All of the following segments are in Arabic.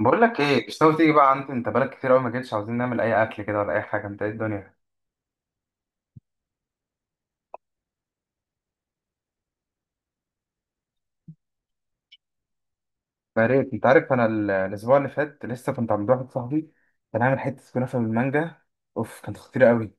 بقول لك ايه؟ مش ناوي تيجي بقى عندي؟ انت بقالك كتير قوي ما جيتش. عاوزين نعمل اي اكل كده ولا اي حاجه؟ انت ايه الدنيا؟ يا ريت، انت عارف انا الاسبوع اللي فات لسه كنت عند واحد صاحبي، كان عامل حته كنافه بالمانجا. اوف، كانت خطيره قوي.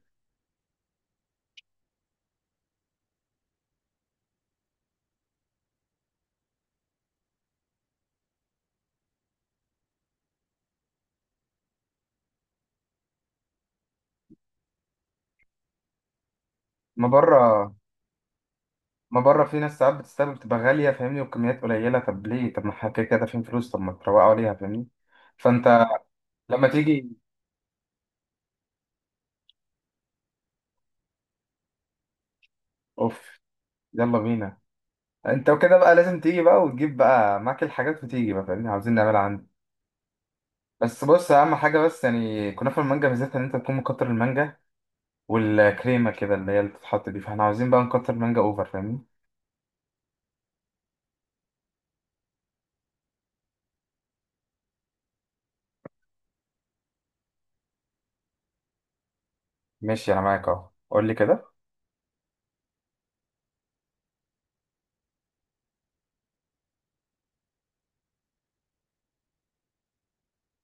ما بره، ما بره في ناس ساعات بتستقبل، بتبقى غاليه فاهمني، وبكميات قليله. طب ليه؟ طب ما احنا كده كده دافعين فلوس، طب ما تروقوا عليها، فاهمني. فانت لما تيجي، اوف. يلا بينا، انت وكده بقى لازم تيجي بقى وتجيب بقى معاك الحاجات وتيجي بقى، فاهمني، عاوزين نعملها عندي. بس بص، اهم حاجه بس يعني كنافه المانجا، ميزتها ان انت تكون مكتر المانجا والكريمه كده اللي هي اللي بتتحط دي، فاحنا عاوزين بقى نكتر المانجا اوفر، فاهمني. ماشي، انا معاك اهو، قول لي كده.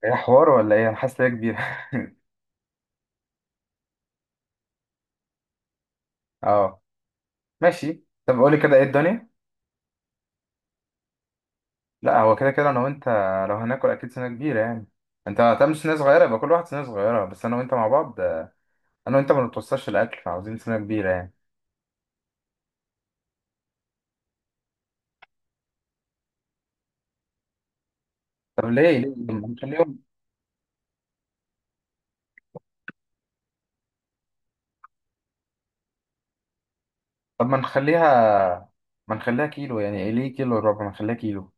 ايه حوار ولا ايه؟ انا حاسس ان هي كبيره. اه ماشي. طب قول لي كده، ايه الدنيا؟ لا، هو كده كده انا وانت، لو هناكل اكيد سنه كبيره يعني. انت هتعمل سنه صغيره؟ يبقى كل واحد سنه صغيره، بس انا وانت مع بعض، انا وانت ما بنتوصلش الاكل، فعاوزين سنه كبيره يعني. طب ليه؟ طب ما نخليهم. طب ما نخليها، ما نخليها كيلو يعني، إيه ليه كيلو وربع؟ ما نخليها كيلو.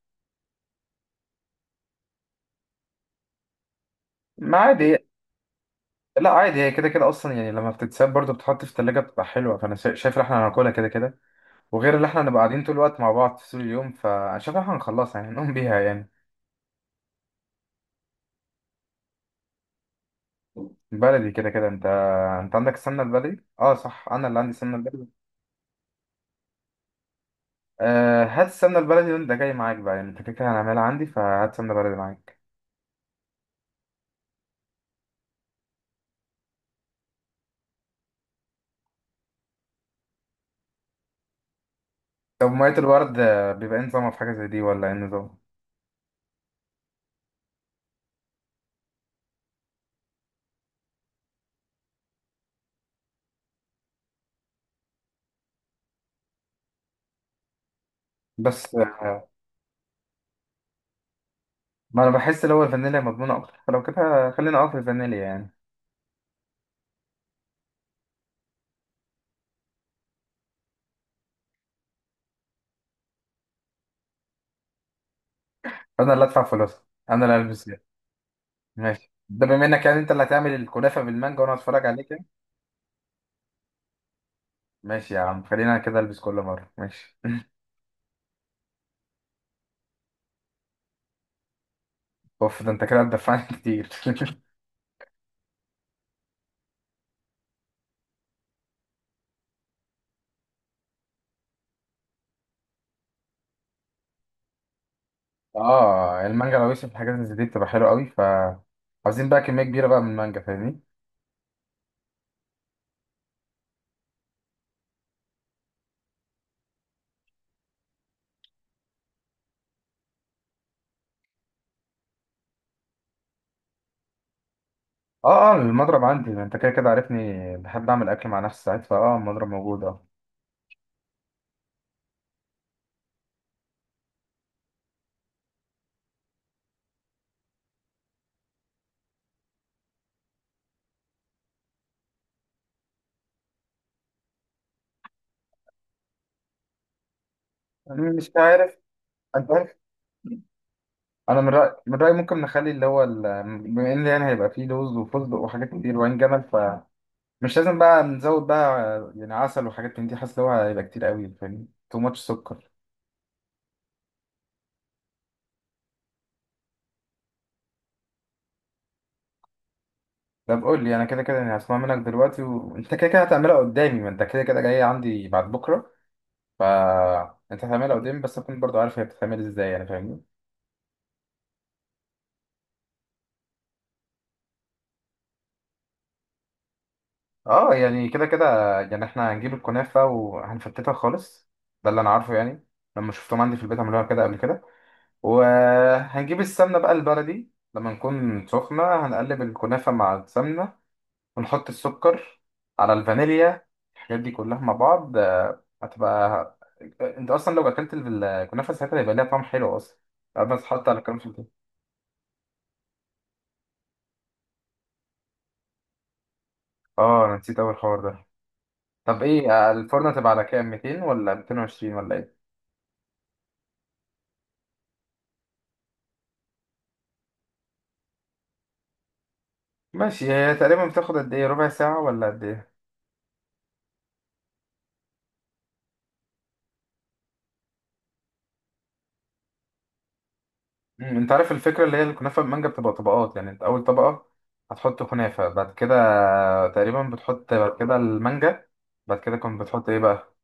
ما عادي، لا عادي، هي كده كده اصلا يعني، لما بتتساب برضو بتحط في التلاجة بتبقى حلوه، فانا شايف ان احنا هناكلها كده كده. وغير ان احنا هنبقى قاعدين طول الوقت مع بعض طول اليوم، فانا شايف ان احنا هنخلصها يعني، نقوم بيها يعني. بلدي كده كده، انت، انت عندك السمنه البلدي. اه صح، انا اللي عندي السمنه البلدي. آه، هات السمنه البلدي وانت جاي معاك بقى يعني، انت كده كده هنعملها عندي، فهات سمنه بلدي معاك. طب ميه الورد بيبقى ايه نظامها في حاجه زي دي ولا ايه النظام؟ بس آه، ما انا بحس ان هو الفانيليا مضمونه اكتر، فلو كده خلينا اه في الفانيليا يعني. انا اللي ادفع فلوسها، انا اللي البس. ماشي، ده بما انك يعني انت اللي هتعمل الكنافه بالمانجا، وانا هتفرج عليك يعني. ماشي يا عم، خلينا كده، البس كل مره، ماشي. اوف، ده انت كده هتدفعني كتير. اه، المانجا لو يوسف، الحاجات اللي زي دي بتبقى حلوه قوي، ف عاوزين بقى كميه كبيره بقى من المانجا، فاهمني. اه اه، المضرب عندي، ما انت كده كده عارفني بحب اعمل اكل مع نفسي ساعات، فاه المضرب موجود اه. يعني مش عارف، انت عارف، انا من رايي، من رايي ممكن نخلي اللي هو بما ان يعني هيبقى فيه لوز وفستق وحاجات كتير وعين جمل، مش لازم بقى نزود بقى يعني عسل وحاجات من دي، حاسس ان هو هيبقى كتير قوي، فاهم، تو ماتش سكر. طب قول لي انا، كده كده يعني هسمع منك دلوقتي، وانت كده كده هتعملها قدامي، ما انت كده كده جاي عندي بعد بكره، ف انت هتعملها قدامي، بس اكون برضو عارف هي بتتعمل ازاي يعني، فاهمني. اه يعني كده كده، يعني احنا هنجيب الكنافه وهنفتتها خالص، ده اللي انا عارفه يعني، لما شفتهم عندي في البيت عملوها كده قبل كده. وهنجيب السمنه بقى البلدي، لما نكون سخنه هنقلب الكنافه مع السمنه ونحط السكر على الفانيليا. الحاجات دي كلها مع بعض هتبقى، انت اصلا لو اكلت الكنافه ساعتها هيبقى ليها طعم حلو اصلا، بعد ما تتحط على الكنافه دي. اه انا نسيت اول حوار ده. طب ايه الفرن هتبقى على كام، 200 ولا 220 ولا ايه؟ ماشي، هي تقريبا بتاخد قد ايه، ربع ساعه ولا قد ايه؟ مم، انت عارف الفكره اللي هي الكنافه بالمانجا بتبقى طبقات يعني، انت اول طبقه هتحط كنافه، بعد كده تقريبا بتحط بعد كده المانجا، بعد كده كنت بتحط ايه بقى؟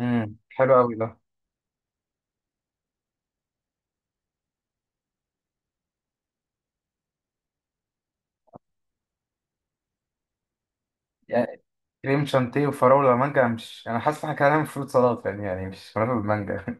حلو قوي ده. كريم شانتيه وفراولة ومانجا؟ مش أنا حاسس إن إحنا كده هنعمل فروت سلطة يعني، يعني مش هناكل مانجا.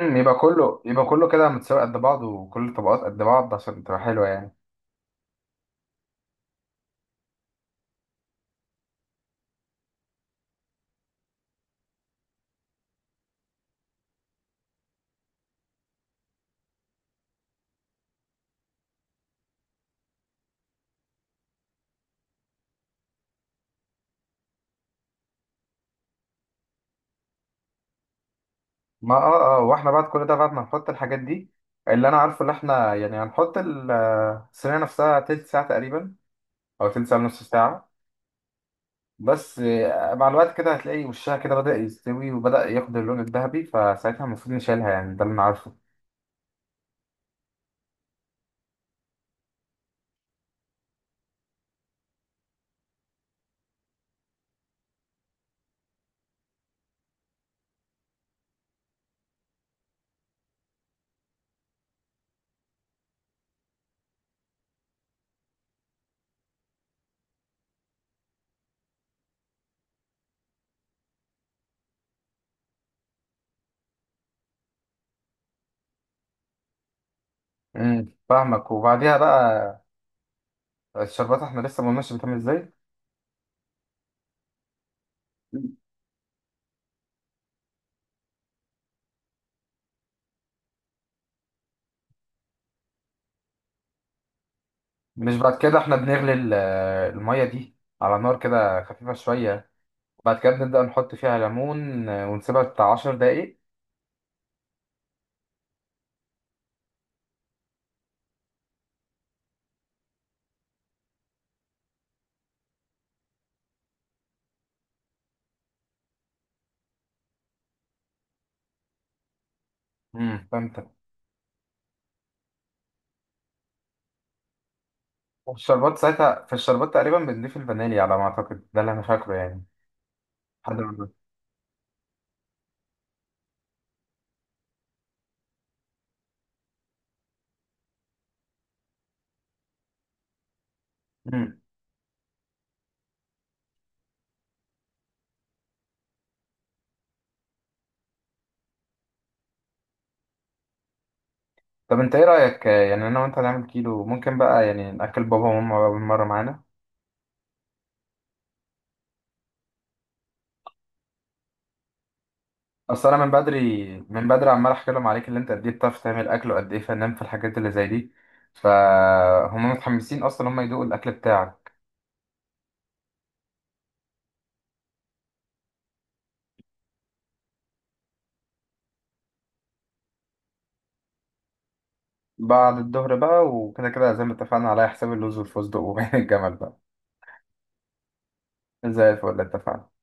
أمم، يبقى كله، يبقى كله كده متساوي قد بعض، وكل الطبقات قد بعض عشان تبقى حلوة يعني. ما اه اه، واحنا بعد كل ده، بعد ما نحط الحاجات دي، اللي انا عارفه اللي احنا يعني هنحط الصينية نفسها، تلت ساعة تقريبا او تلت ساعة نص ساعة. بس آه، مع الوقت كده هتلاقي وشها كده بدأ يستوي وبدأ ياخد اللون الذهبي، فساعتها المفروض نشيلها يعني، ده اللي انا عارفه. فاهمك، وبعديها بقى الشربات، احنا لسه ما قلناش بتعمل ازاي. مش بعد كده احنا بنغلي المية دي على نار كده خفيفة شوية، بعد كده بنبدأ نحط فيها ليمون ونسيبها بتاع 10 دقايق. فهمت. والشربات ساعتها، في الشربات تقريبا بنضيف الفانيليا على ما أعتقد، ده اللي أنا فاكره يعني، حد ما. امم. طب أنت إيه رأيك يعني أنا وأنت هنعمل كيلو، ممكن بقى يعني نأكل بابا وماما بقى بالمرة معانا؟ أصل أنا من بدري، من بدري عمال أحكي لهم عليك اللي أنت قد إيه بتعرف تعمل أكل، وقد إيه فنان في الحاجات اللي زي دي، فهم متحمسين أصلا هم يدوقوا الأكل بتاعك. بعد الظهر بقى، وكده كده زي ما اتفقنا على حساب اللوز والفستق وبين الجمل بقى. زي الفل، اتفقنا.